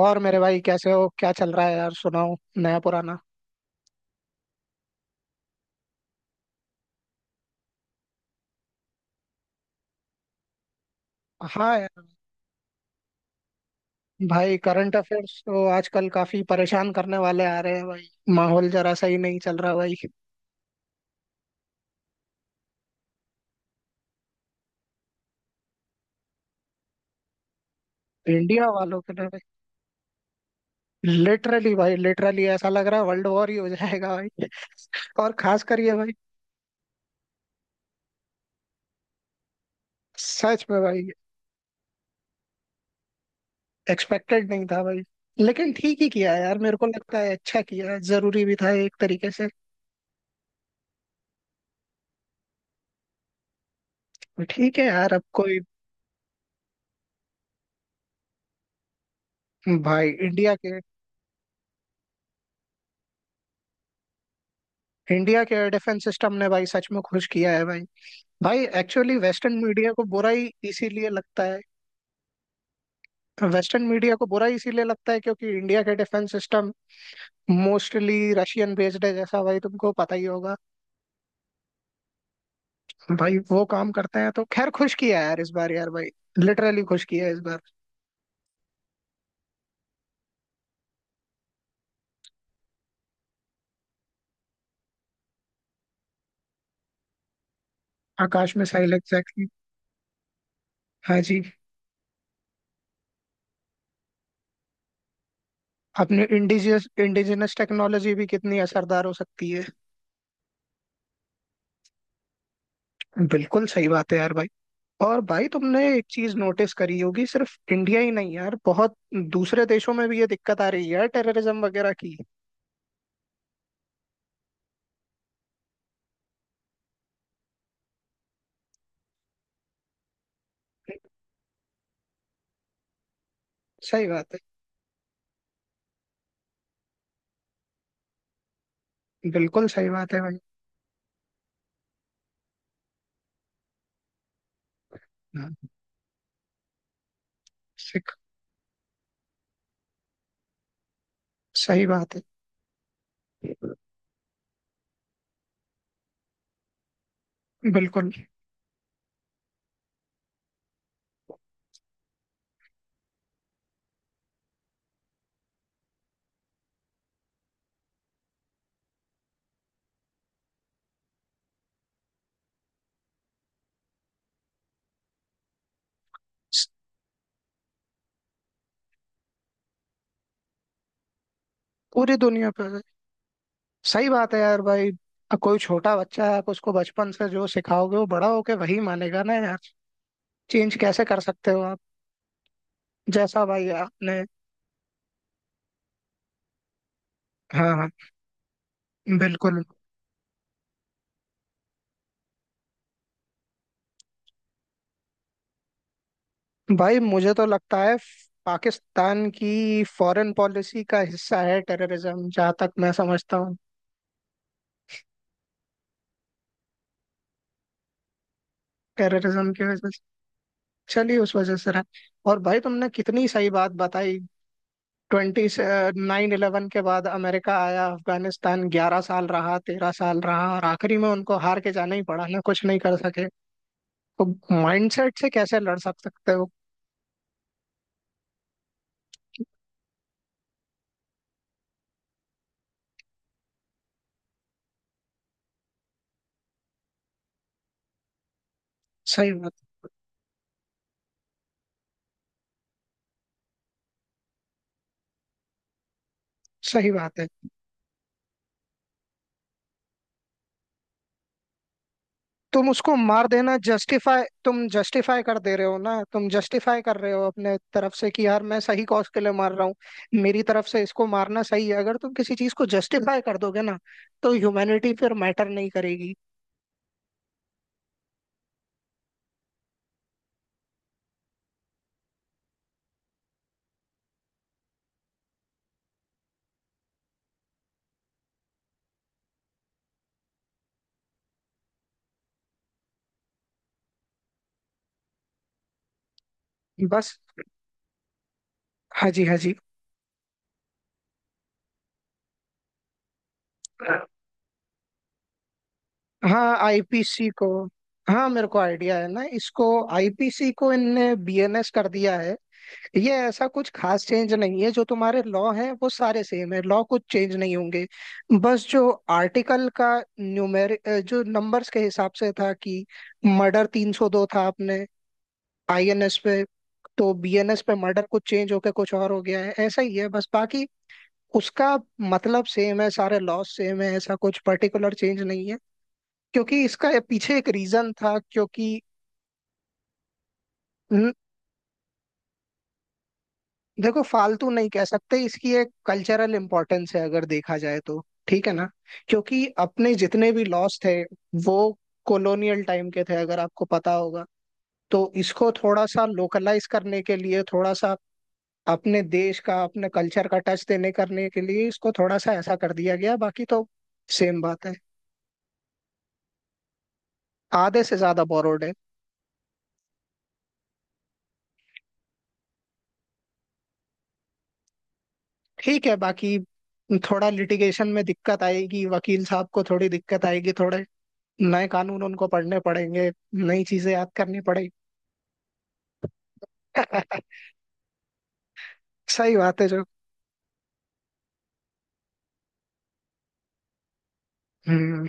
और मेरे भाई कैसे हो, क्या चल रहा है यार? सुनाओ नया पुराना। हाँ यार। भाई करंट अफेयर्स तो आजकल काफी परेशान करने वाले आ रहे हैं भाई। माहौल जरा सही नहीं चल रहा भाई। इंडिया वालों के लिए भाई लिटरली, भाई लिटरली ऐसा लग रहा है वर्ल्ड वॉर ही हो जाएगा भाई। और खास कर ये भाई। सच में भाई। एक्सपेक्टेड नहीं था भाई। लेकिन ठीक ही किया है यार, मेरे को लगता है अच्छा किया है, जरूरी भी था एक तरीके से। ठीक है यार, अब कोई। भाई इंडिया के। इंडिया के एयर डिफेंस सिस्टम ने भाई सच में खुश किया है भाई। भाई एक्चुअली वेस्टर्न मीडिया को बुरा ही इसीलिए लगता है। वेस्टर्न मीडिया को बुरा इसीलिए लगता है क्योंकि इंडिया के defence system mostly Russian based है, जैसा भाई तुमको पता ही होगा। भाई वो काम करते हैं तो खैर, खुश किया है यार इस बार, यार भाई लिटरली खुश किया है इस बार। आकाश मिसाइल एग्जैक्टली। हाँ जी। अपनी इंडिजियस, इंडिजिनस टेक्नोलॉजी भी कितनी असरदार हो सकती है। बिल्कुल सही बात है यार भाई। और भाई तुमने एक चीज नोटिस करी होगी, सिर्फ इंडिया ही नहीं यार, बहुत दूसरे देशों में भी ये दिक्कत आ रही है यार, टेररिज्म वगैरह की। सही बात है। बिल्कुल सही बात है भाई। हाँ। सिख। सही बात है। बिल्कुल। स- पूरी दुनिया पर। सही बात है यार भाई। कोई छोटा बच्चा है, आप उसको बचपन से जो सिखाओगे वो बड़ा होके वही मानेगा ना यार। चेंज कैसे कर सकते हो आप? जैसा भाई आपने। हाँ हाँ। बिल्कुल। भाई मुझे तो लगता है पाकिस्तान की फॉरेन पॉलिसी का हिस्सा है टेररिज्म, जहाँ तक मैं समझता हूँ। टेररिज्म की वजह से। चलिए उस वजह से रहा। और भाई तुमने कितनी सही बात बताई। 9/11 के बाद अमेरिका आया, अफगानिस्तान 11 साल रहा, 13 साल रहा, और आखिरी में उनको हार के जाना ही पड़ा ना, कुछ नहीं कर सके। तो माइंडसेट से कैसे लड़ सक सकते हो? सही बात। सही बात है। तुम उसको मार देना जस्टिफाई, तुम जस्टिफाई कर दे रहे हो ना, तुम जस्टिफाई कर रहे हो अपने तरफ से कि यार मैं सही कॉज के लिए मार रहा हूँ। मेरी तरफ से इसको मारना सही है। अगर तुम किसी चीज को जस्टिफाई कर दोगे ना, तो ह्यूमैनिटी फिर मैटर नहीं करेगी। बस। हाँ जी, हाँ जी। हाँ, आईपीसी को। हाँ मेरे को आइडिया है ना इसको। आईपीसी को इनने बीएनएस कर दिया है। ये ऐसा कुछ खास चेंज नहीं है, जो तुम्हारे लॉ हैं वो सारे सेम है, लॉ कुछ चेंज नहीं होंगे। बस जो आर्टिकल का न्यूमेर जो नंबर्स के हिसाब से था कि मर्डर 302 था आपने आईएनएस पे, तो बीएनएस पे मर्डर कुछ चेंज होके कुछ और हो गया है, ऐसा ही है बस। बाकी उसका मतलब सेम है, सारे लॉस सेम है, ऐसा कुछ पर्टिकुलर चेंज नहीं है। क्योंकि इसका पीछे एक रीजन था, क्योंकि देखो फालतू नहीं कह सकते, इसकी एक कल्चरल इंपॉर्टेंस है अगर देखा जाए तो। ठीक है ना? क्योंकि अपने जितने भी लॉस थे वो कॉलोनियल टाइम के थे, अगर आपको पता होगा। तो इसको थोड़ा सा लोकलाइज करने के लिए, थोड़ा सा अपने देश का, अपने कल्चर का टच देने करने के लिए इसको थोड़ा सा ऐसा कर दिया गया, बाकी तो सेम बात है। आधे से ज्यादा बोरोड है। ठीक है। बाकी थोड़ा लिटिगेशन में दिक्कत आएगी, वकील साहब को थोड़ी दिक्कत आएगी, थोड़ा नए कानून उनको पढ़ने पड़ेंगे, नई चीजें याद करनी पड़ेगी। सही बात है। जो हम्म।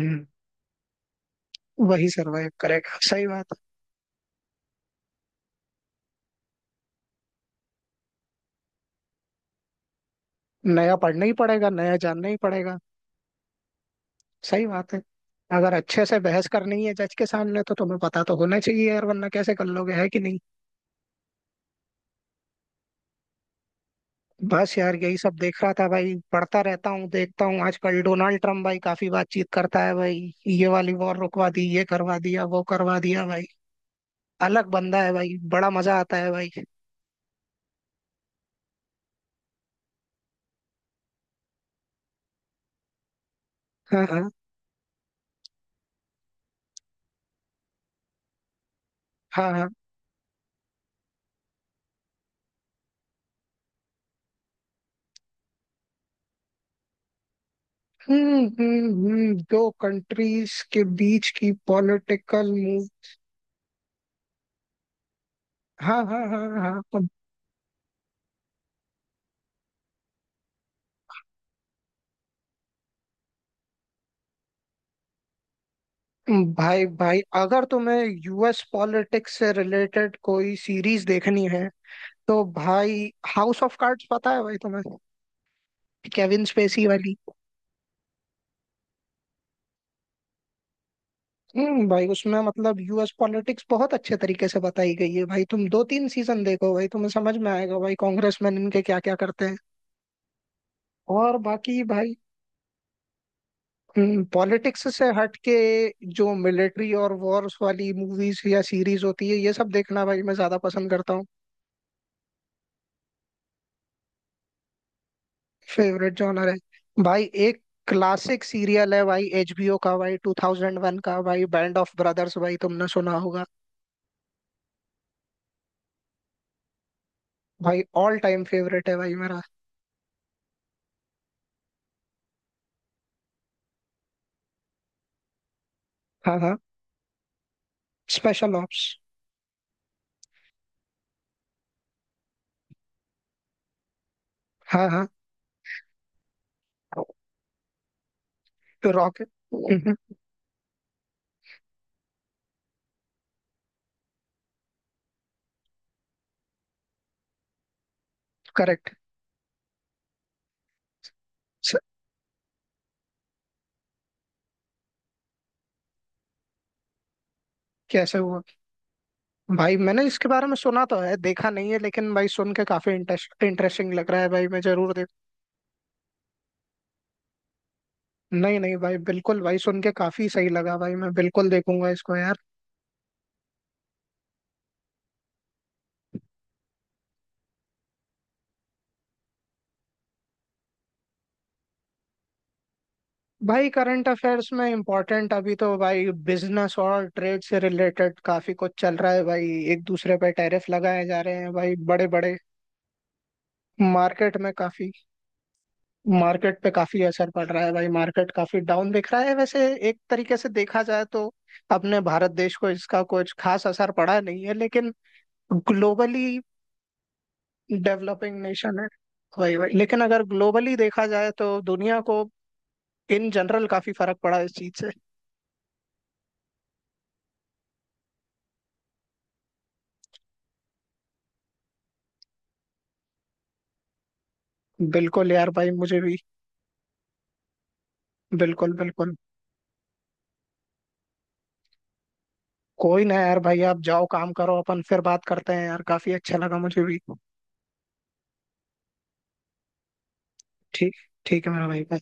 हम्म। वही सरवाइव करेगा, सही बात। है, नया पढ़ना ही पड़ेगा, नया जानना ही पड़ेगा। सही बात है। अगर अच्छे से बहस करनी है जज के सामने, तो तुम्हें पता तो होना चाहिए यार, वरना कैसे कर लोगे, है कि नहीं? बस यार यही सब देख रहा था भाई, पढ़ता रहता हूँ, देखता हूँ। आजकल डोनाल्ड ट्रम्प भाई काफी बातचीत करता है भाई, ये वाली वॉर रुकवा दी, ये करवा दिया, वो करवा दिया भाई। अलग बंदा है भाई, बड़ा मजा आता है भाई। हाँ हाँ। हम्म, हम्म, दो कंट्रीज के बीच की पॉलिटिकल मूव। हाँ हाँ हाँ हाँ। अब, भाई भाई अगर तुम्हें यूएस पॉलिटिक्स से रिलेटेड कोई सीरीज देखनी है तो भाई हाउस ऑफ कार्ड्स, पता है भाई तुम्हें, केविन स्पेसी वाली। हम्म, भाई उसमें मतलब यूएस पॉलिटिक्स बहुत अच्छे तरीके से बताई गई है भाई, तुम 2 3 सीजन देखो भाई, तुम्हें समझ में आएगा भाई कांग्रेसमैन इनके क्या क्या करते हैं। और बाकी भाई, पॉलिटिक्स से हट के जो मिलिट्री और वॉर्स वाली मूवीज या सीरीज होती है, ये सब देखना भाई मैं ज्यादा पसंद करता हूँ। फेवरेट जॉनर है। भाई एक क्लासिक सीरियल है भाई, एचबीओ का भाई, 2001 का भाई, बैंड ऑफ ब्रदर्स, भाई तुमने सुना होगा। भाई ऑल टाइम फेवरेट है भाई मेरा। हाँ हाँ। Special ops. हाँ हाँ। तो रॉकेट। करेक्ट। कैसे हुआ? भाई मैंने इसके बारे में सुना तो है, देखा नहीं है, लेकिन भाई सुन के काफी इंटरेस्टिंग लग रहा है भाई, मैं जरूर। नहीं नहीं भाई, बिल्कुल भाई, सुन के काफी सही लगा भाई, मैं बिल्कुल देखूंगा इसको यार। भाई करंट अफेयर्स में इम्पोर्टेंट अभी तो भाई बिजनेस और ट्रेड से रिलेटेड काफी कुछ चल रहा है भाई, एक दूसरे पे टैरिफ लगाए जा रहे हैं भाई बड़े बड़े। मार्केट में काफी, मार्केट पे काफी असर पड़ रहा है भाई, मार्केट काफी डाउन दिख रहा है वैसे, एक तरीके से देखा जाए तो। अपने भारत देश को इसका कुछ खास असर पड़ा नहीं है, लेकिन ग्लोबली डेवलपिंग नेशन है। वही वही, लेकिन अगर ग्लोबली देखा जाए तो दुनिया को इन जनरल काफी फर्क पड़ा इस चीज से। बिल्कुल यार भाई, मुझे भी। बिल्कुल बिल्कुल। कोई ना यार भाई, आप जाओ काम करो, अपन फिर बात करते हैं यार, काफी अच्छा लगा मुझे भी। ठीक। ठीक है मेरा भाई, bye।